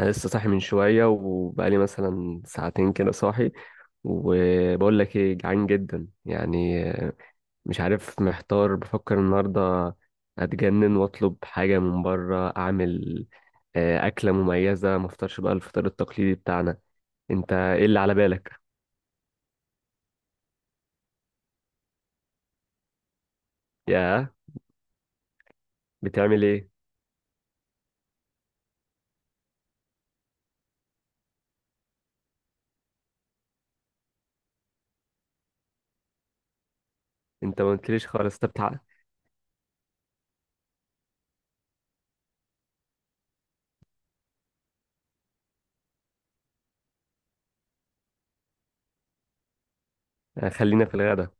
انا لسه صاحي من شويه، وبقالي مثلا ساعتين كده صاحي. وبقول لك ايه، جعان جدا، يعني مش عارف، محتار، بفكر النهارده اتجنن واطلب حاجه من بره، اعمل اكله مميزه، ما افطرش بقى الفطار التقليدي بتاعنا. انت ايه اللي على بالك؟ يا بتعمل ايه؟ انت ما قلتليش خالص. طب تعال. آه، خلينا في الغدا.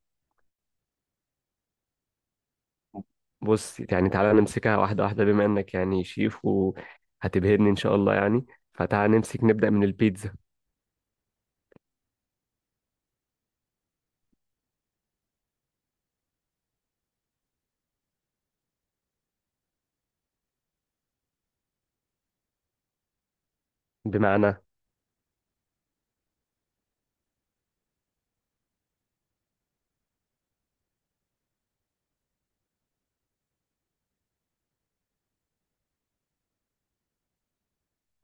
بص، يعني تعالى نمسكها واحده واحده، بما انك يعني شيف وهتبهرني ان شاء الله، يعني فتعال نمسك نبدا من البيتزا. بمعنى؟ اه،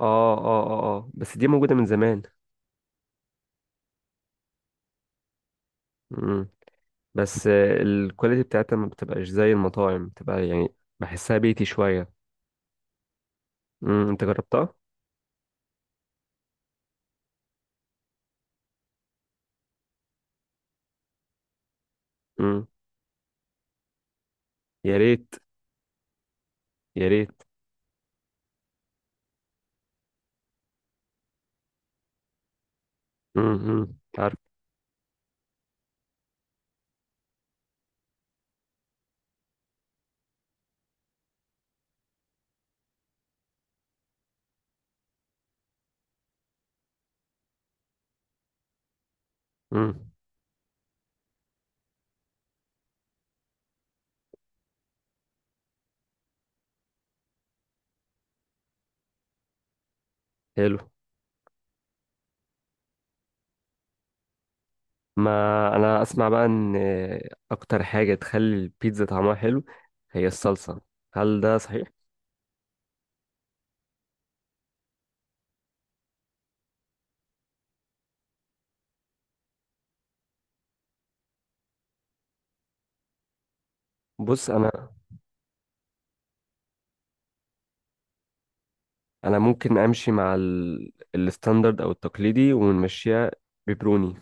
اه، اه، اه، بس دي موجودة من زمان. مم. بس الكواليتي بتاعتها ما بتبقاش زي المطاعم، بتبقى يعني بحسها بيتي شوية. مم. انت جربتها؟ مم. يا ريت. يا ريت. مم. مم. عارف. مم. حلو. ما انا اسمع بقى ان اكتر حاجة تخلي البيتزا طعمها حلو هي الصلصة. هل ده صحيح؟ بص، انا ممكن امشي مع الستاندرد او التقليدي ونمشيها. بيبروني.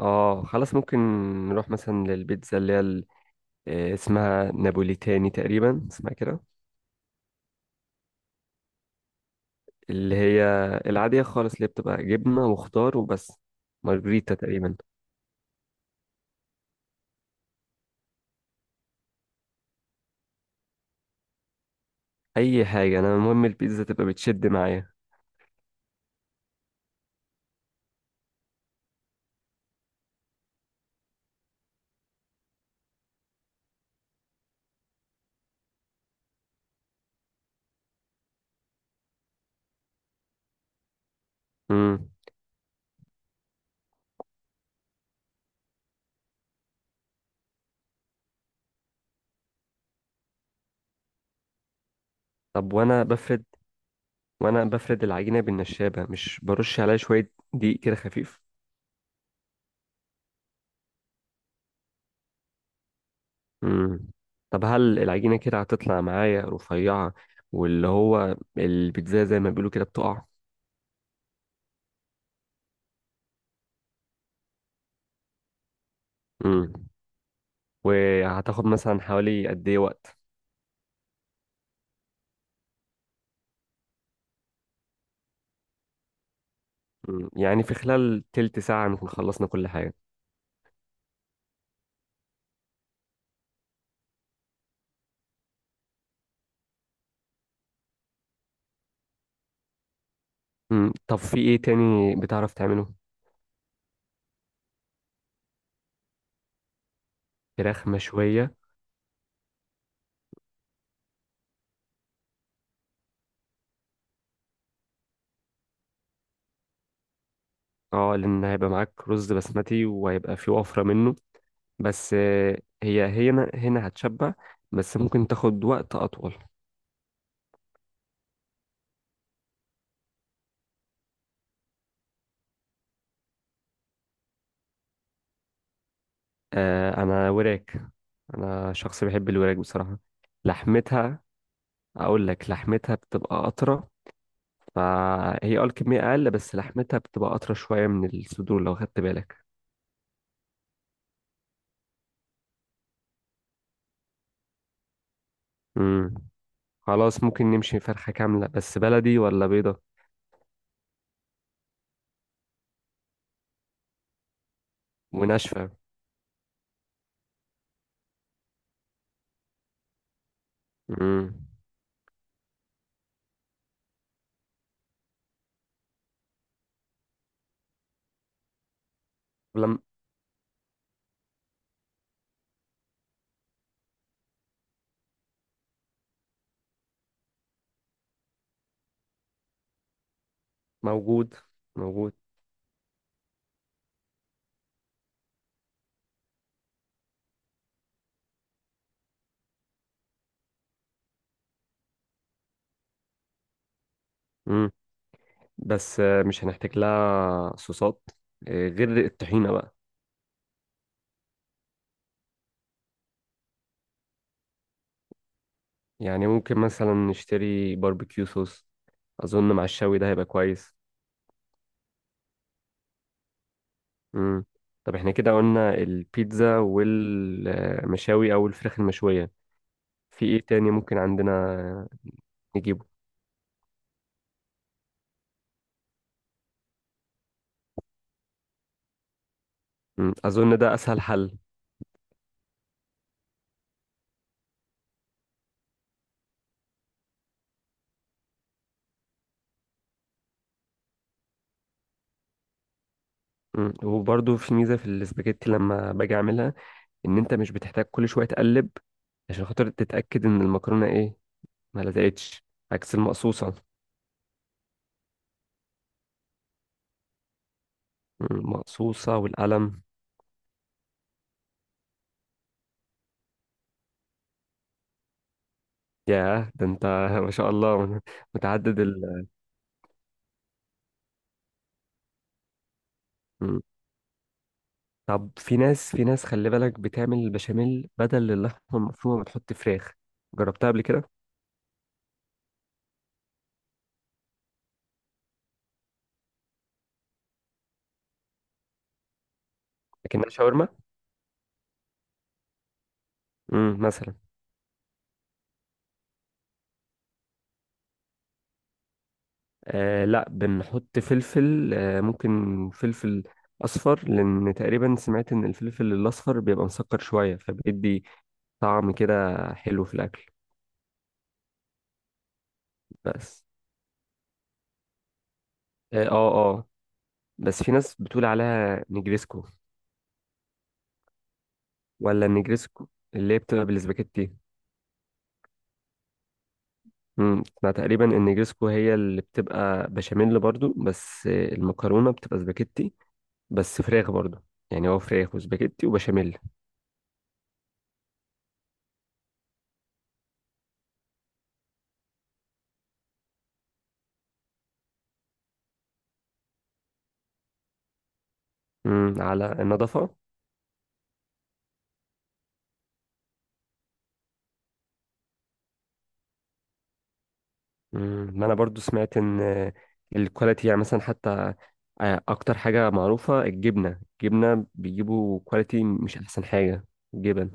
اه، خلاص ممكن. نروح مثلا للبيتزا اللي هي اسمها نابوليتاني تقريبا، اسمها كده. اللي هي العادية خالص، اللي بتبقى جبنة وخضار وبس، مارجريتا تقريبا. أي حاجة، أنا المهم البيتزا تبقى بتشد معايا. امم. طب، وأنا بفرد العجينة بالنشابة، مش برش عليها شوية دقيق كده خفيف؟ امم. طب هل العجينة كده هتطلع معايا رفيعة، واللي هو البيتزا زي ما بيقولوا كده بتقع؟ امم. وهتاخد مثلا حوالي قد ايه وقت؟ مم. يعني في خلال تلت ساعة نكون خلصنا كل حاجة؟ مم. طب في ايه تاني بتعرف تعمله؟ فراخ مشوية؟ اه، لان هيبقى معاك رز بسمتي وهيبقى في وفرة منه. بس هي هنا، هنا هتشبع. بس ممكن تاخد وقت اطول. آه، انا وراك. انا شخص بيحب الوراك بصراحة. لحمتها. اقول لك لحمتها بتبقى اطرى، فهي الكمية اقل، بس لحمتها بتبقى اطرى شوية من الصدور لو خدت بالك. مم. خلاص ممكن نمشي فرخة كاملة، بس بلدي ولا بيضة؟ وناشفة. امم. لم موجود، موجود. امم. بس مش هنحتاج لها صوصات غير الطحينة بقى؟ يعني ممكن مثلا نشتري باربيكيو صوص. أظن مع الشوي ده هيبقى كويس. امم. طب احنا كده قلنا البيتزا والمشاوي أو الفراخ المشوية. في ايه تاني ممكن عندنا؟ نجيبه. مم. أظن ده أسهل حل. مم. وبرضه في ميزة في الاسباجيتي لما باجي أعملها، ان انت مش بتحتاج كل شويه تقلب عشان خاطر تتاكد ان المكرونه ايه، ما لزقتش، عكس المقصوصه. المقصوصه والقلم. ياه، ده انت ما شاء الله متعدد. مم. طب في ناس خلي بالك، بتعمل البشاميل بدل اللحمه المفرومه، بتحط فراخ. جربتها قبل كده؟ لكنها شاورما. امم، مثلا. آه، لا، بنحط فلفل، ممكن فلفل أصفر، لأن تقريبا سمعت إن الفلفل الأصفر بيبقى مسكر شوية، فبيدي طعم كده حلو في الأكل. بس. آه، آه، آه. بس في ناس بتقول عليها نجريسكو. ولا النجريسكو اللي هي بتبقى بالسباجيتي. امم، أنا تقريبا النجريسكو هي اللي بتبقى بشاميل برضو، بس المكرونة بتبقى سباجيتي، بس فراخ برضو، يعني هو فراخ وسباجيتي وبشاميل. امم، على النضافة. مم، ما انا برضو سمعت ان الكواليتي، يعني مثلا حتى اكتر حاجه معروفه الجبنه، الجبنه بيجيبوا كواليتي مش احسن حاجه. جبن.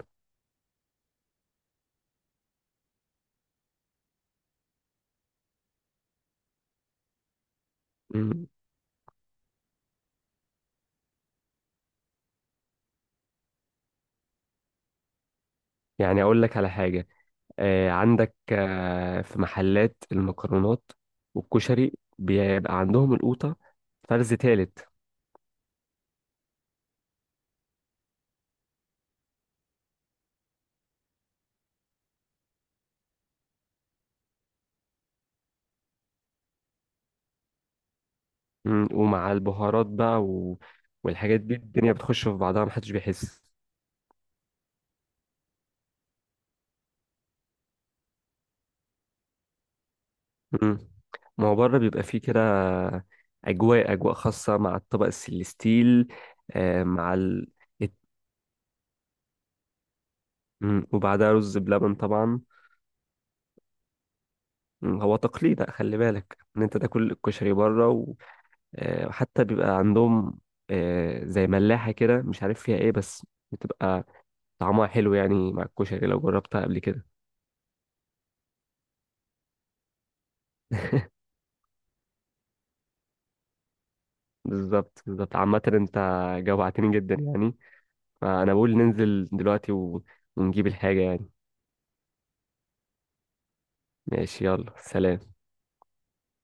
مم. يعني اقول لك على حاجه، عندك في محلات المكرونات والكشري بيبقى عندهم القوطه فرز تالت. مم، ومع البهارات بقى، والحاجات دي الدنيا بتخش في بعضها، محدش بيحس. مم. ما هو بره بيبقى فيه كده أجواء، أجواء خاصة مع الطبق السليستيل، آه، مع ال... الت- وبعدها رز بلبن طبعا. مم. هو تقليد خلي بالك إن أنت تاكل الكشري بره، وحتى بيبقى عندهم زي ملاحة كده مش عارف فيها إيه، بس بتبقى طعمها حلو يعني مع الكشري لو جربتها قبل كده. بالظبط، بالظبط. عامة أنت جوعتني جدا يعني، فأنا بقول ننزل دلوقتي ونجيب الحاجة يعني. ماشي، يلا، سلام.